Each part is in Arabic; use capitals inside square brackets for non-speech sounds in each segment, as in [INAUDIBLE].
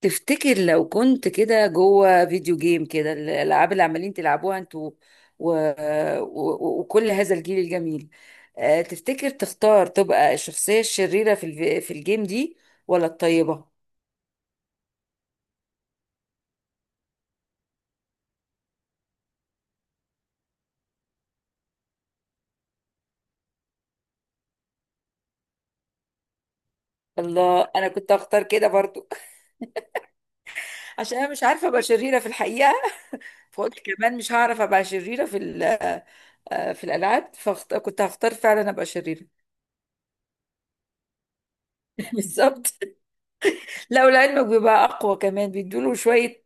تفتكر لو كنت كده جوه فيديو جيم كده الألعاب اللي عمالين تلعبوها انتوا و... و... وكل هذا الجيل الجميل. تفتكر تختار تبقى الشخصية الشريرة في الجيم دي ولا الطيبة؟ الله، أنا كنت أختار كده برضو. [LAUGHS] عشان أنا مش عارفة أبقى شريرة في الحقيقة، فقلت كمان مش هعرف أبقى شريرة في الألعاب، فكنت هختار فعلا أبقى شريرة. [LAUGHS] بالظبط. لو لعلمك بيبقى أقوى كمان، بيدوله شوية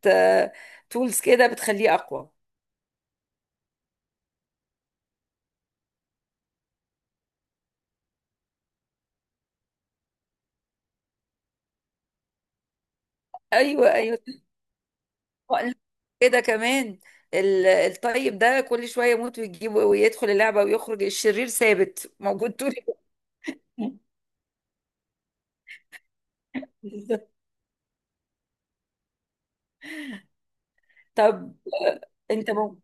تولز كده بتخليه أقوى. ايوه ايوه. طبقنا كده كمان. الطيب ده كل شويه يموت ويجيب ويدخل اللعبه ويخرج، الشرير ثابت موجود طول الوقت. [LAUGHS] بالظبط. طب آه، انت مو...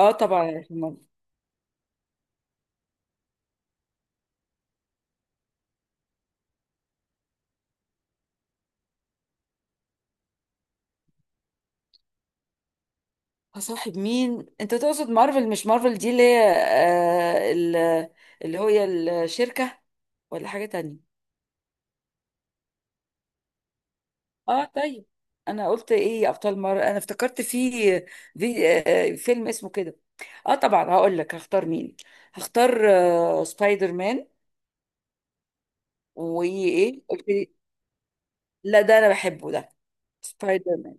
اه طبعا مارفل. هصاحب مين، انت تقصد مارفل؟ مش مارفل دي اللي هي اللي هي الشركه؟ ولا حاجه تانية؟ اه طيب. انا قلت ايه يا ابطال؟ مره انا افتكرت في في فيلم اسمه كده. اه طبعا هقول لك هختار مين. هختار سبايدر مان. وايه قلت لي؟ لا ده انا بحبه ده، سبايدر مان.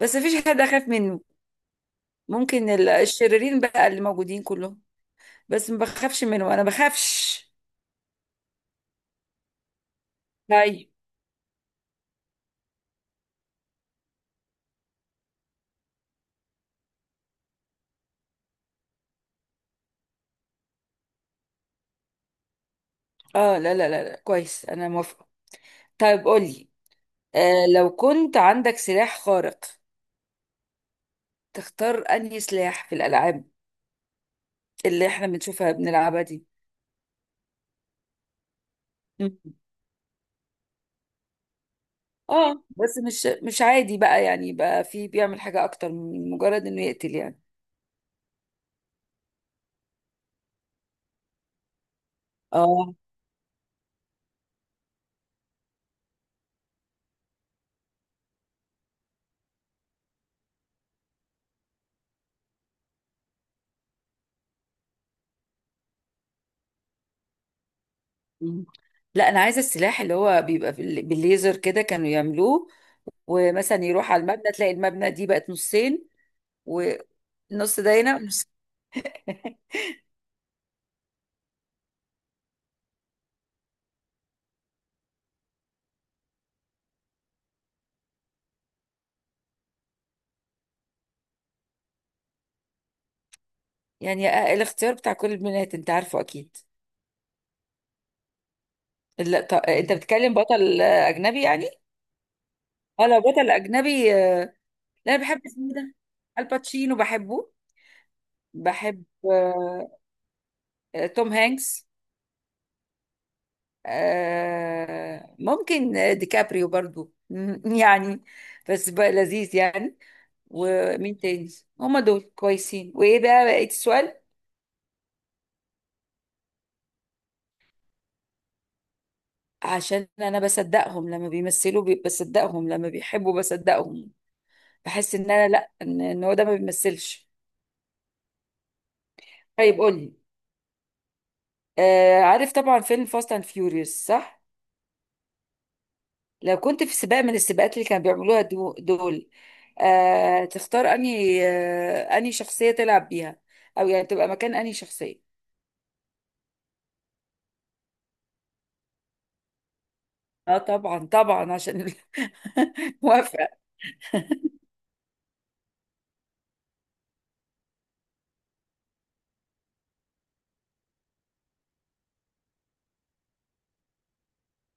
بس مفيش حد اخاف منه. ممكن الشريرين بقى اللي موجودين كلهم، بس ما بخافش منه، انا بخافش. طيب. اه لا لا لا، لا. كويس، انا موافقه. طيب قولي. آه، لو كنت عندك سلاح خارق، تختار انهي سلاح في الالعاب اللي احنا بنشوفها بنلعبها دي؟ مم. اه بس مش عادي بقى، يعني بقى في بيعمل حاجة اكتر من مجرد انه يقتل يعني. اه. مم. لا انا عايزة السلاح اللي هو بيبقى بالليزر كده كانوا يعملوه، ومثلا يروح على المبنى تلاقي المبنى دي بقت نصين، والنص ده هنا والنص- [LAUGHS] يعني الاختيار بتاع كل البنات انت عارفه اكيد. لا طب انت بتتكلم بطل اجنبي يعني. اه لو بطل اجنبي لا انا بحب اسمه إيه ده، الباتشينو، بحبه. بحب توم هانكس. ممكن ديكابريو برضو. [LAUGHS] يعني بس بقى لذيذ يعني. ومين تاني؟ هما دول كويسين. وايه بقى بقيت السؤال؟ عشان انا بصدقهم لما بيمثلوا، بصدقهم لما بيحبوا، بصدقهم. بحس ان انا، لا، إن هو ده ما بيمثلش. طيب قولي. آه، عارف طبعا فيلم فاست اند فيوريوس، صح؟ لو كنت في سباق من السباقات اللي كانوا بيعملوها دول، تختار انهي شخصية تلعب بيها، او يعني تبقى مكان انهي شخصية؟ اه طبعا طبعا عشان [LAUGHS] موافقة.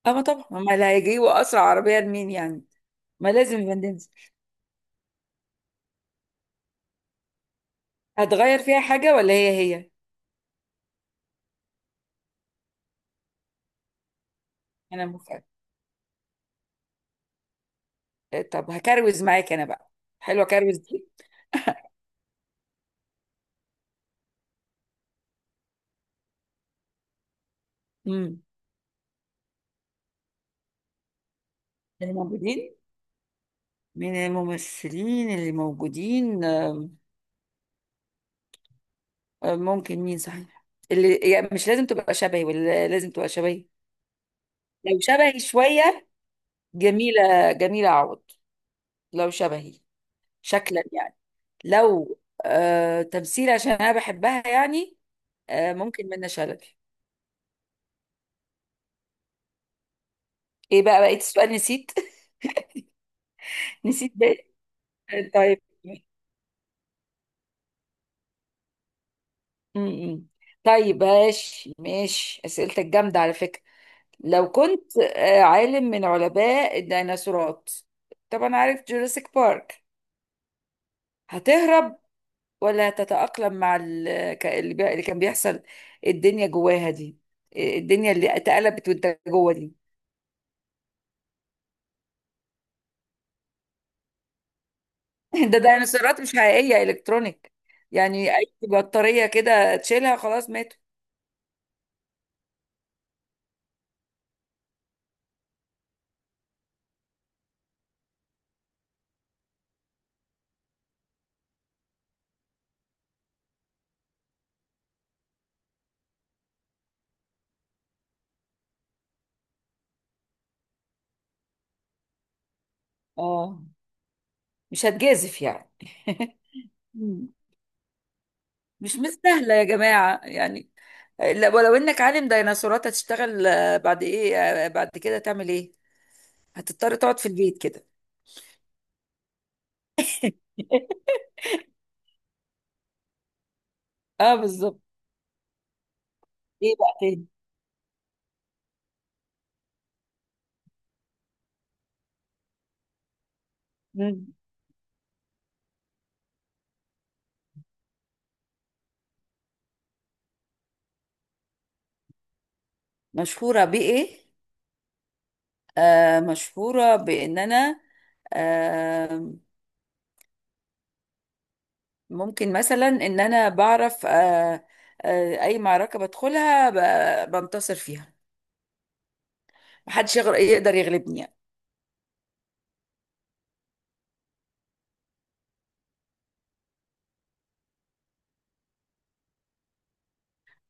اما طبعا ما اللي هيجيبوا اسرع عربية لمين يعني؟ ما لازم فان ديزل. هتغير فيها حاجة ولا هي هي؟ انا موافقة. طب هكروز معاك انا بقى، حلوة كروز دي. امم، الموجودين. من الممثلين اللي موجودين، ممكن مين صحيح؟ اللي يعني مش لازم تبقى شبهي، ولا لازم تبقى شبهي. لو شبهي شوية، جميلة جميلة عوض. لو شبهي شكلا يعني. لو آه تمثيل، عشان أنا بحبها يعني، آه ممكن منة شلبي. إيه بقى بقيت السؤال؟ نسيت. [LAUGHS] نسيت بقى. طيب م -م. طيب ماشي ماشي، أسئلتك جامدة على فكرة. لو كنت آه عالم من علماء الديناصورات، طبعا عارف جوراسيك بارك، هتهرب ولا تتأقلم مع اللي كان بيحصل؟ الدنيا جواها دي، الدنيا اللي اتقلبت وانت جوه دي. [LAUGHS] ده ديناصورات مش حقيقية، إلكترونيك يعني. أي بطارية كده تشيلها خلاص ماتوا. اه، مش هتجازف يعني. [LAUGHS] مم. مش مستاهلة يا جماعة يعني. لا، ولو إنك عالم ديناصورات هتشتغل بعد إيه، بعد كده تعمل إيه؟ هتضطر تقعد في البيت كده؟ [LAUGHS] اه بالظبط. ايه بقى تاني؟ مم. مشهورة بإيه؟ مشهورة بإن أنا، آه، ممكن مثلا إن أنا بعرف، أي معركة بدخلها بنتصر فيها، محدش يقدر يغلبني يعني.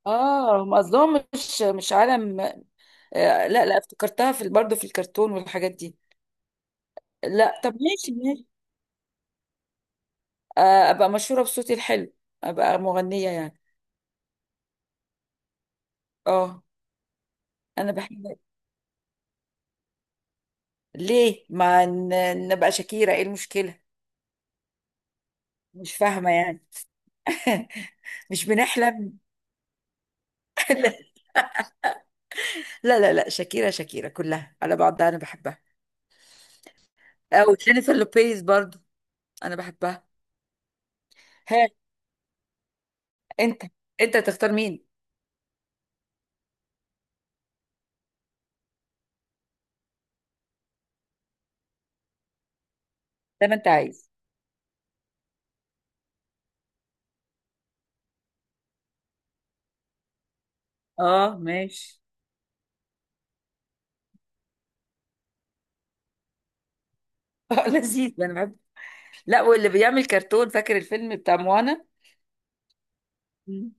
اه هم قصدهم مش مش عالم. لا لا، افتكرتها في برضه في الكرتون والحاجات دي. لا طب ماشي ماشي. أبقى مشهورة بصوتي الحلو، أبقى مغنية يعني. اه أنا بحب. ليه ما نبقى شاكيرة، إيه المشكلة؟ مش فاهمة يعني. [LAUGHS] مش بنحلم؟ [LAUGHS] لا لا لا، لا شاكيرا، شاكيرا كلها على بعضها انا بحبها. او جينيفر لوبيز برضو، انا بحبها. ها، انت انت تختار مين؟ زي ما انت عايز. اه ماشي. [LAUGHS] اه لذيذ انا بحب. لا واللي بيعمل كرتون، فاكر الفيلم بتاع موانا. مم.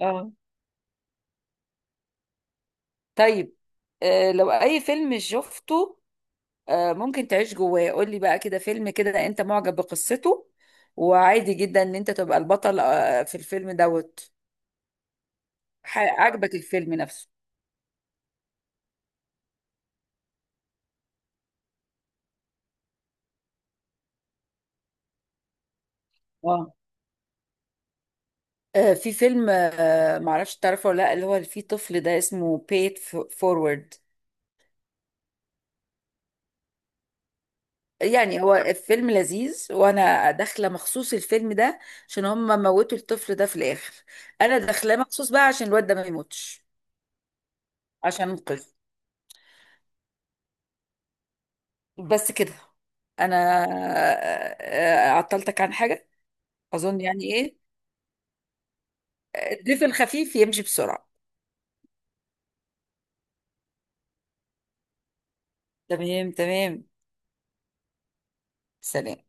اه طيب. آه لو اي فيلم شفته، آه ممكن تعيش جواه، قول لي بقى كده فيلم كده انت معجب بقصته، وعادي جدا ان انت تبقى البطل آه في الفيلم دوت. عجبك الفيلم نفسه. اه في فيلم معرفش تعرفه ولا لا، اللي هو اللي فيه طفل ده، اسمه Paid Forward. يعني هو الفيلم لذيذ، وانا داخله مخصوص الفيلم ده عشان هم موتوا الطفل ده في الاخر. انا داخله مخصوص بقى عشان الواد ده ما يموتش، عشان انقذه. بس كده. انا عطلتك عن حاجه اظن يعني ايه. الضيف الخفيف يمشي بسرعه. تمام تمام. سلام.